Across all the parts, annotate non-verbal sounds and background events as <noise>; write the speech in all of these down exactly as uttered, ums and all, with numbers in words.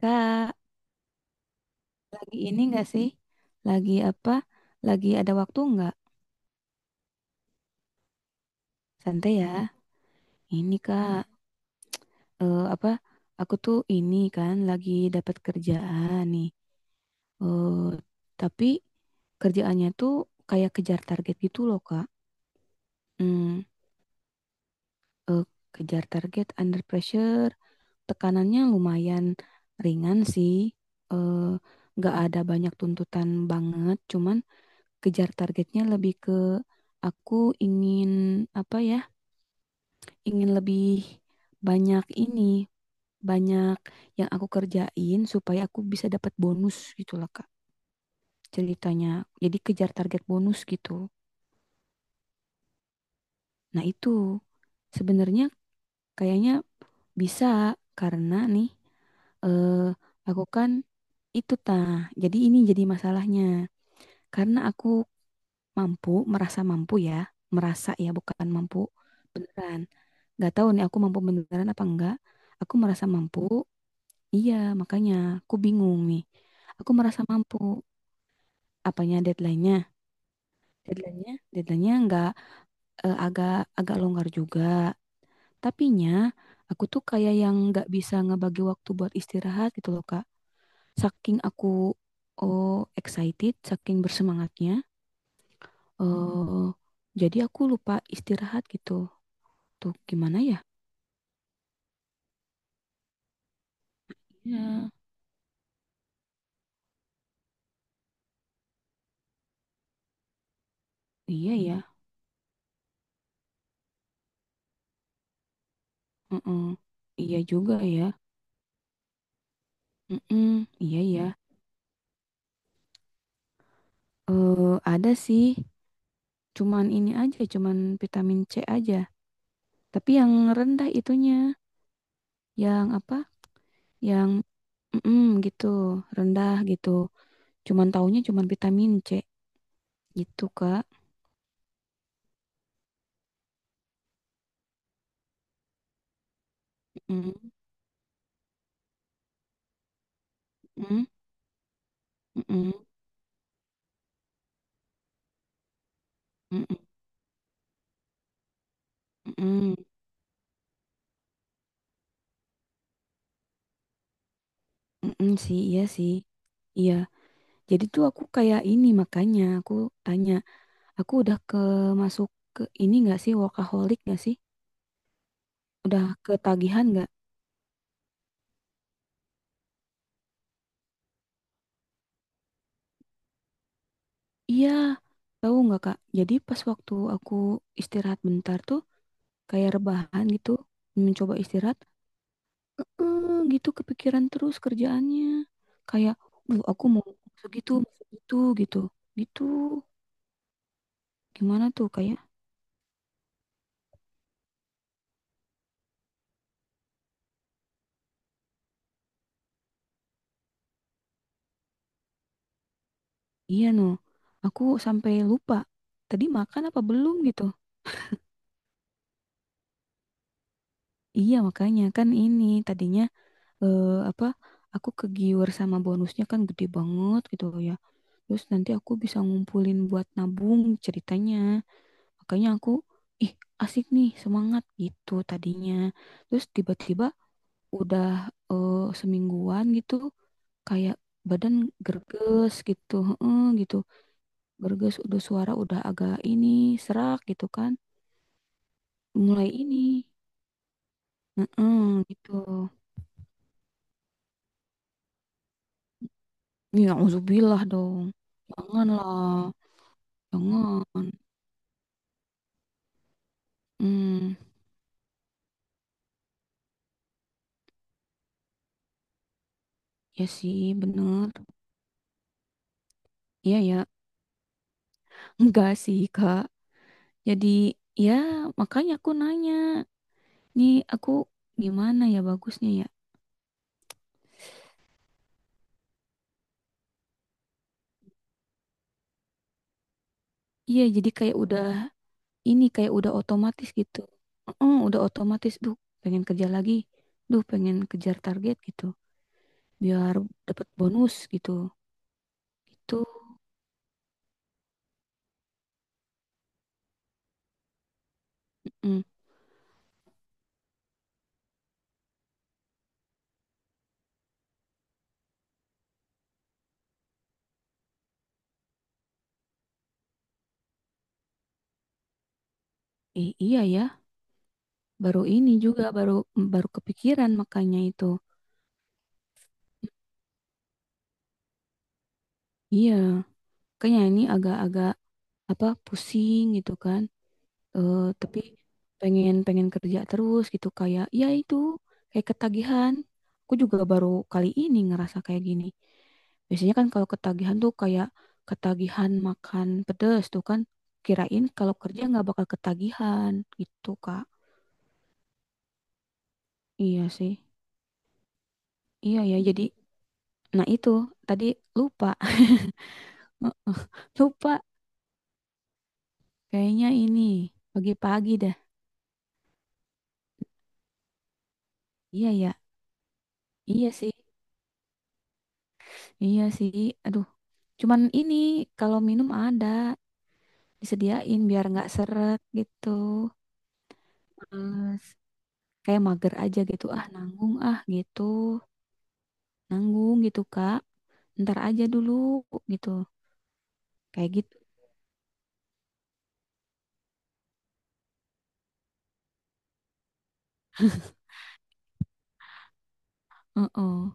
Kak, lagi ini enggak sih? Lagi apa? Lagi ada waktu enggak? Santai ya. Ini Kak, eh, apa? Aku tuh ini kan lagi dapat kerjaan nih. Eh, tapi kerjaannya tuh kayak kejar target gitu loh, Kak. Hmm, eh, Kejar target under pressure, tekanannya lumayan ringan sih. Eh, nggak ada banyak tuntutan banget, cuman kejar targetnya lebih ke aku ingin apa ya, ingin lebih banyak ini, banyak yang aku kerjain supaya aku bisa dapat bonus gitu lah, Kak, ceritanya. Jadi kejar target bonus gitu. Nah, itu sebenarnya kayaknya bisa karena nih, eh aku kan itu tah. Jadi ini jadi masalahnya. Karena aku mampu, merasa mampu ya, merasa ya bukan mampu beneran. Nggak tahu nih aku mampu beneran apa enggak, aku merasa mampu, iya, makanya aku bingung nih, aku merasa mampu. Apanya deadline-nya deadline-nya Deadline-nya nggak, eh, agak agak longgar juga tapinya. Aku tuh kayak yang nggak bisa ngebagi waktu buat istirahat gitu loh, Kak, saking aku, oh, excited, saking bersemangatnya, eh jadi aku lupa istirahat gitu. Tuh gimana ya? Iya, iya ya. Mm-mm. Iya juga ya. Mm-mm, iya iya. Hmm. Eh ada sih. Cuman ini aja, cuman vitamin C aja. Tapi yang rendah itunya, yang apa? Yang mm-mm, gitu, rendah gitu. Cuman taunya cuman vitamin C gitu, Kak. Mm-mm, mm-mm, mm-mm, mm-mm, mm-mm, mm-mm sih, iya sih. Iya. Jadi tuh aku kayak ini, makanya aku tanya, aku udah ke masuk ke ini gak sih, workaholic gak sih? Udah ketagihan gak? Iya, tahu nggak Kak? Jadi pas waktu aku istirahat bentar tuh, kayak rebahan gitu, mencoba istirahat, eh gitu kepikiran terus kerjaannya. Kayak, duh aku mau segitu, mau segitu gitu. Gitu, gimana tuh kayak, iya no, aku sampai lupa. Tadi makan apa belum gitu? Iya makanya kan ini tadinya, eh, apa, aku kegiur sama bonusnya kan gede banget gitu ya. Terus nanti aku bisa ngumpulin buat nabung ceritanya. Makanya aku, ih asik nih, semangat gitu tadinya. Terus tiba-tiba udah, eh, semingguan gitu, kayak badan gerges gitu, heeh gitu. Gerges, udah suara udah agak ini serak gitu kan. Mulai ini, heeh gitu. Ya, uzubillah dong. Janganlah, jangan. Hmm, Ya sih, bener. Iya ya, enggak sih, Kak. Jadi, ya makanya aku nanya, nih aku gimana ya bagusnya ya? Iya, jadi kayak udah ini, kayak udah otomatis gitu. Heeh, udah otomatis, duh, pengen kerja lagi. Duh, pengen kejar target gitu. Biar dapat bonus gitu. Itu, mm, eh, iya ya, baru ini juga baru mm, baru kepikiran makanya itu. Iya, kayaknya ini agak-agak apa pusing gitu kan. Eh tapi pengen pengen kerja terus gitu, kayak ya itu, kayak ketagihan. Aku juga baru kali ini ngerasa kayak gini. Biasanya kan kalau ketagihan tuh kayak ketagihan makan pedes tuh kan, kirain kalau kerja nggak bakal ketagihan gitu Kak. Iya sih. Iya ya, jadi nah itu, tadi lupa. <laughs> Lupa, kayaknya ini pagi-pagi dah. Iya ya. Iya sih. Iya sih. Aduh, cuman ini kalau minum ada disediain biar nggak seret gitu. Hmm. Terus kayak mager aja gitu, ah nanggung ah gitu, nanggung gitu Kak, ntar aja dulu gitu, kayak gitu. Heeh.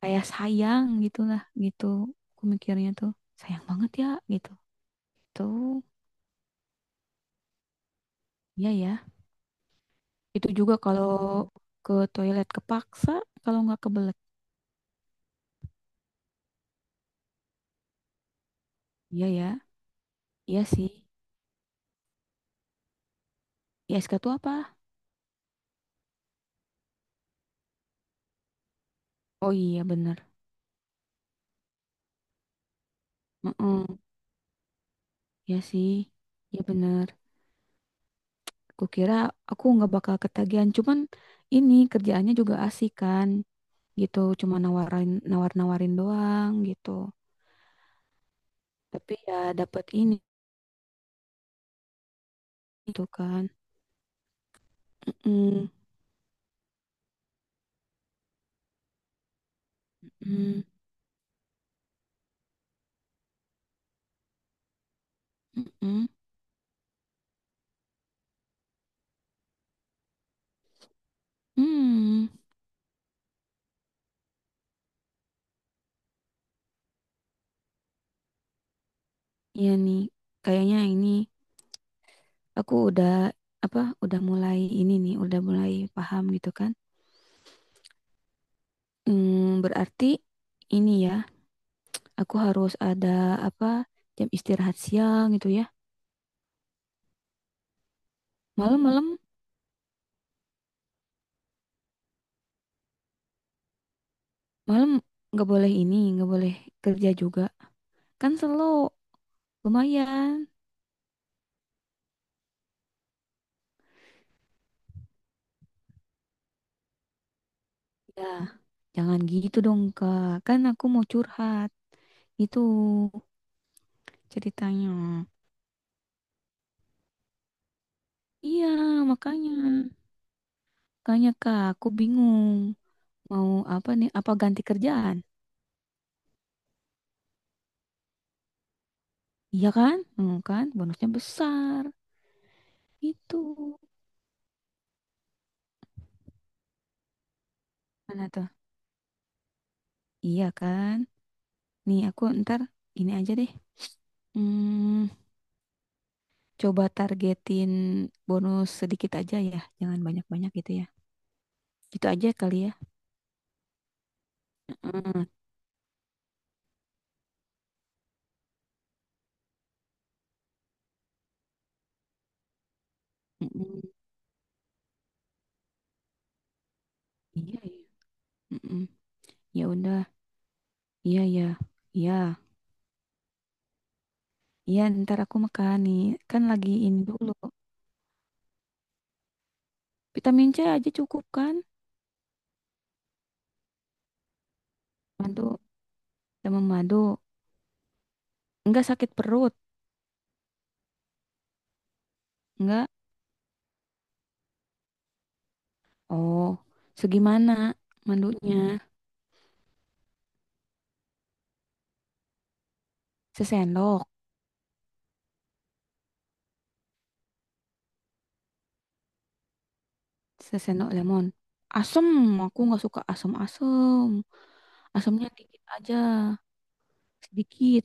Kayak sayang gitulah gitu, aku mikirnya tuh sayang banget ya gitu tuh. Iya ya, itu juga kalau ke toilet, kepaksa kalau nggak kebelet. Iya ya. Iya sih. I S K tuh apa? Oh, iya bener. Heeh. Iya sih. Iya bener. Kukira aku nggak bakal ketagihan, cuman ini kerjaannya juga asik kan, gitu. Cuma nawarin nawar-nawarin doang gitu. Tapi ya dapat ini gitu kan. Mm-mm, mm-mm, mm-mm, mm. Iya nih, kayaknya ini aku udah apa? Udah mulai ini nih, udah mulai paham gitu kan. Hmm, berarti ini ya, aku harus ada apa? Jam istirahat siang gitu ya. Malam-malam Malam nggak boleh ini, nggak boleh kerja juga. Kan slow, lumayan. Ya, jangan gitu dong, Kak. Kan aku mau curhat. Itu ceritanya. Iya, makanya. Makanya, Kak, aku bingung. Mau apa nih? Apa ganti kerjaan? Iya kan? Hmm, kan? Bonusnya besar. Itu. Mana tuh? Iya kan? Nih, aku ntar ini aja deh. Hmm, Coba targetin bonus sedikit aja ya. Jangan banyak-banyak gitu ya. Gitu aja kali ya. Heeh. Mm-mm. Iya, iya. Mm-mm. Ya udah. Iya, ya. Iya. Iya, ntar aku makan nih. Kan lagi ini dulu. Vitamin C aja cukup kan? Madu, sama madu. Enggak sakit perut. Enggak. Oh, segimana mandunya? Sesendok. Sesendok lemon. Asem, aku nggak suka asem-asem. Asemnya dikit aja, sedikit.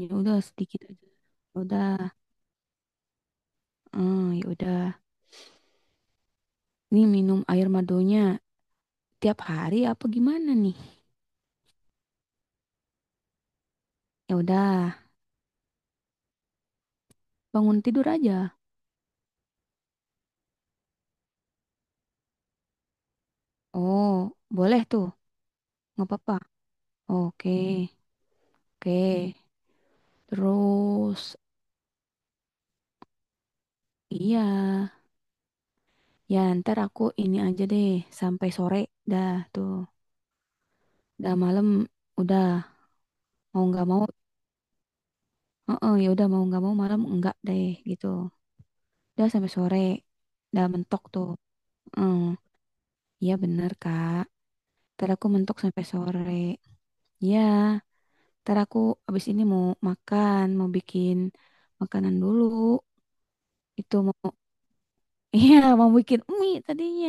Ya udah sedikit aja. Ya Udah, eh, ya udah. Nih minum air madunya tiap hari apa gimana nih? Ya udah, bangun tidur aja. Oh, boleh tuh, nggak apa-apa. Oke, oke. Terus, iya. Ya ntar aku ini aja deh, sampai sore. Dah tuh, dah malam. Udah, mau nggak mau. Heeh, ya udah mau nggak mau malam enggak deh gitu. Dah sampai sore, dah mentok tuh. Heeh, iya bener Kak. Ntar aku mentok sampai sore. Ya. Ntar aku abis ini mau makan, mau bikin makanan dulu. Itu mau, <laughs> iya mau bikin mie tadinya.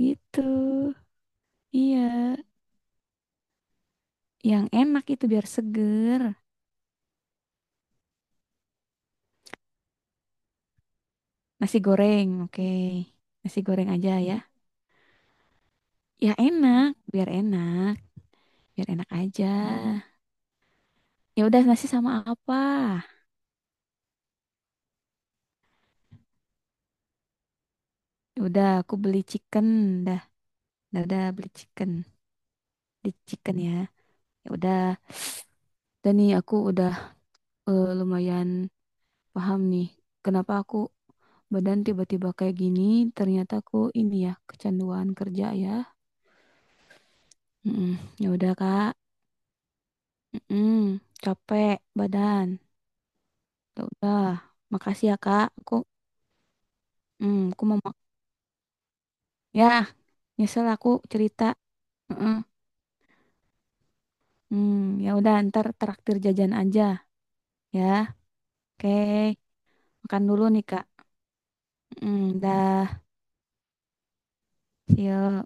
Gitu. Iya, yang enak itu biar seger. Nasi goreng, oke. Nasi goreng aja ya. Ya enak, biar enak, biar enak aja. Ya udah nasi sama apa? Ya udah aku beli chicken dah. Dah, dah beli chicken. Di chicken ya. Ya udah. Dan nih aku udah, eh, lumayan paham nih kenapa aku badan tiba-tiba kayak gini, ternyata aku ini ya kecanduan kerja ya. Mm-mm. Ya udah Kak. Mm-mm. Capek badan. Ya udah. Makasih ya Kak, aku mm, aku mau mak- ya nyesel aku cerita. Mm-mm. Hmm, Ya udah ntar traktir jajan aja ya. Oke. Makan dulu nih Kak. Mm, dah see you.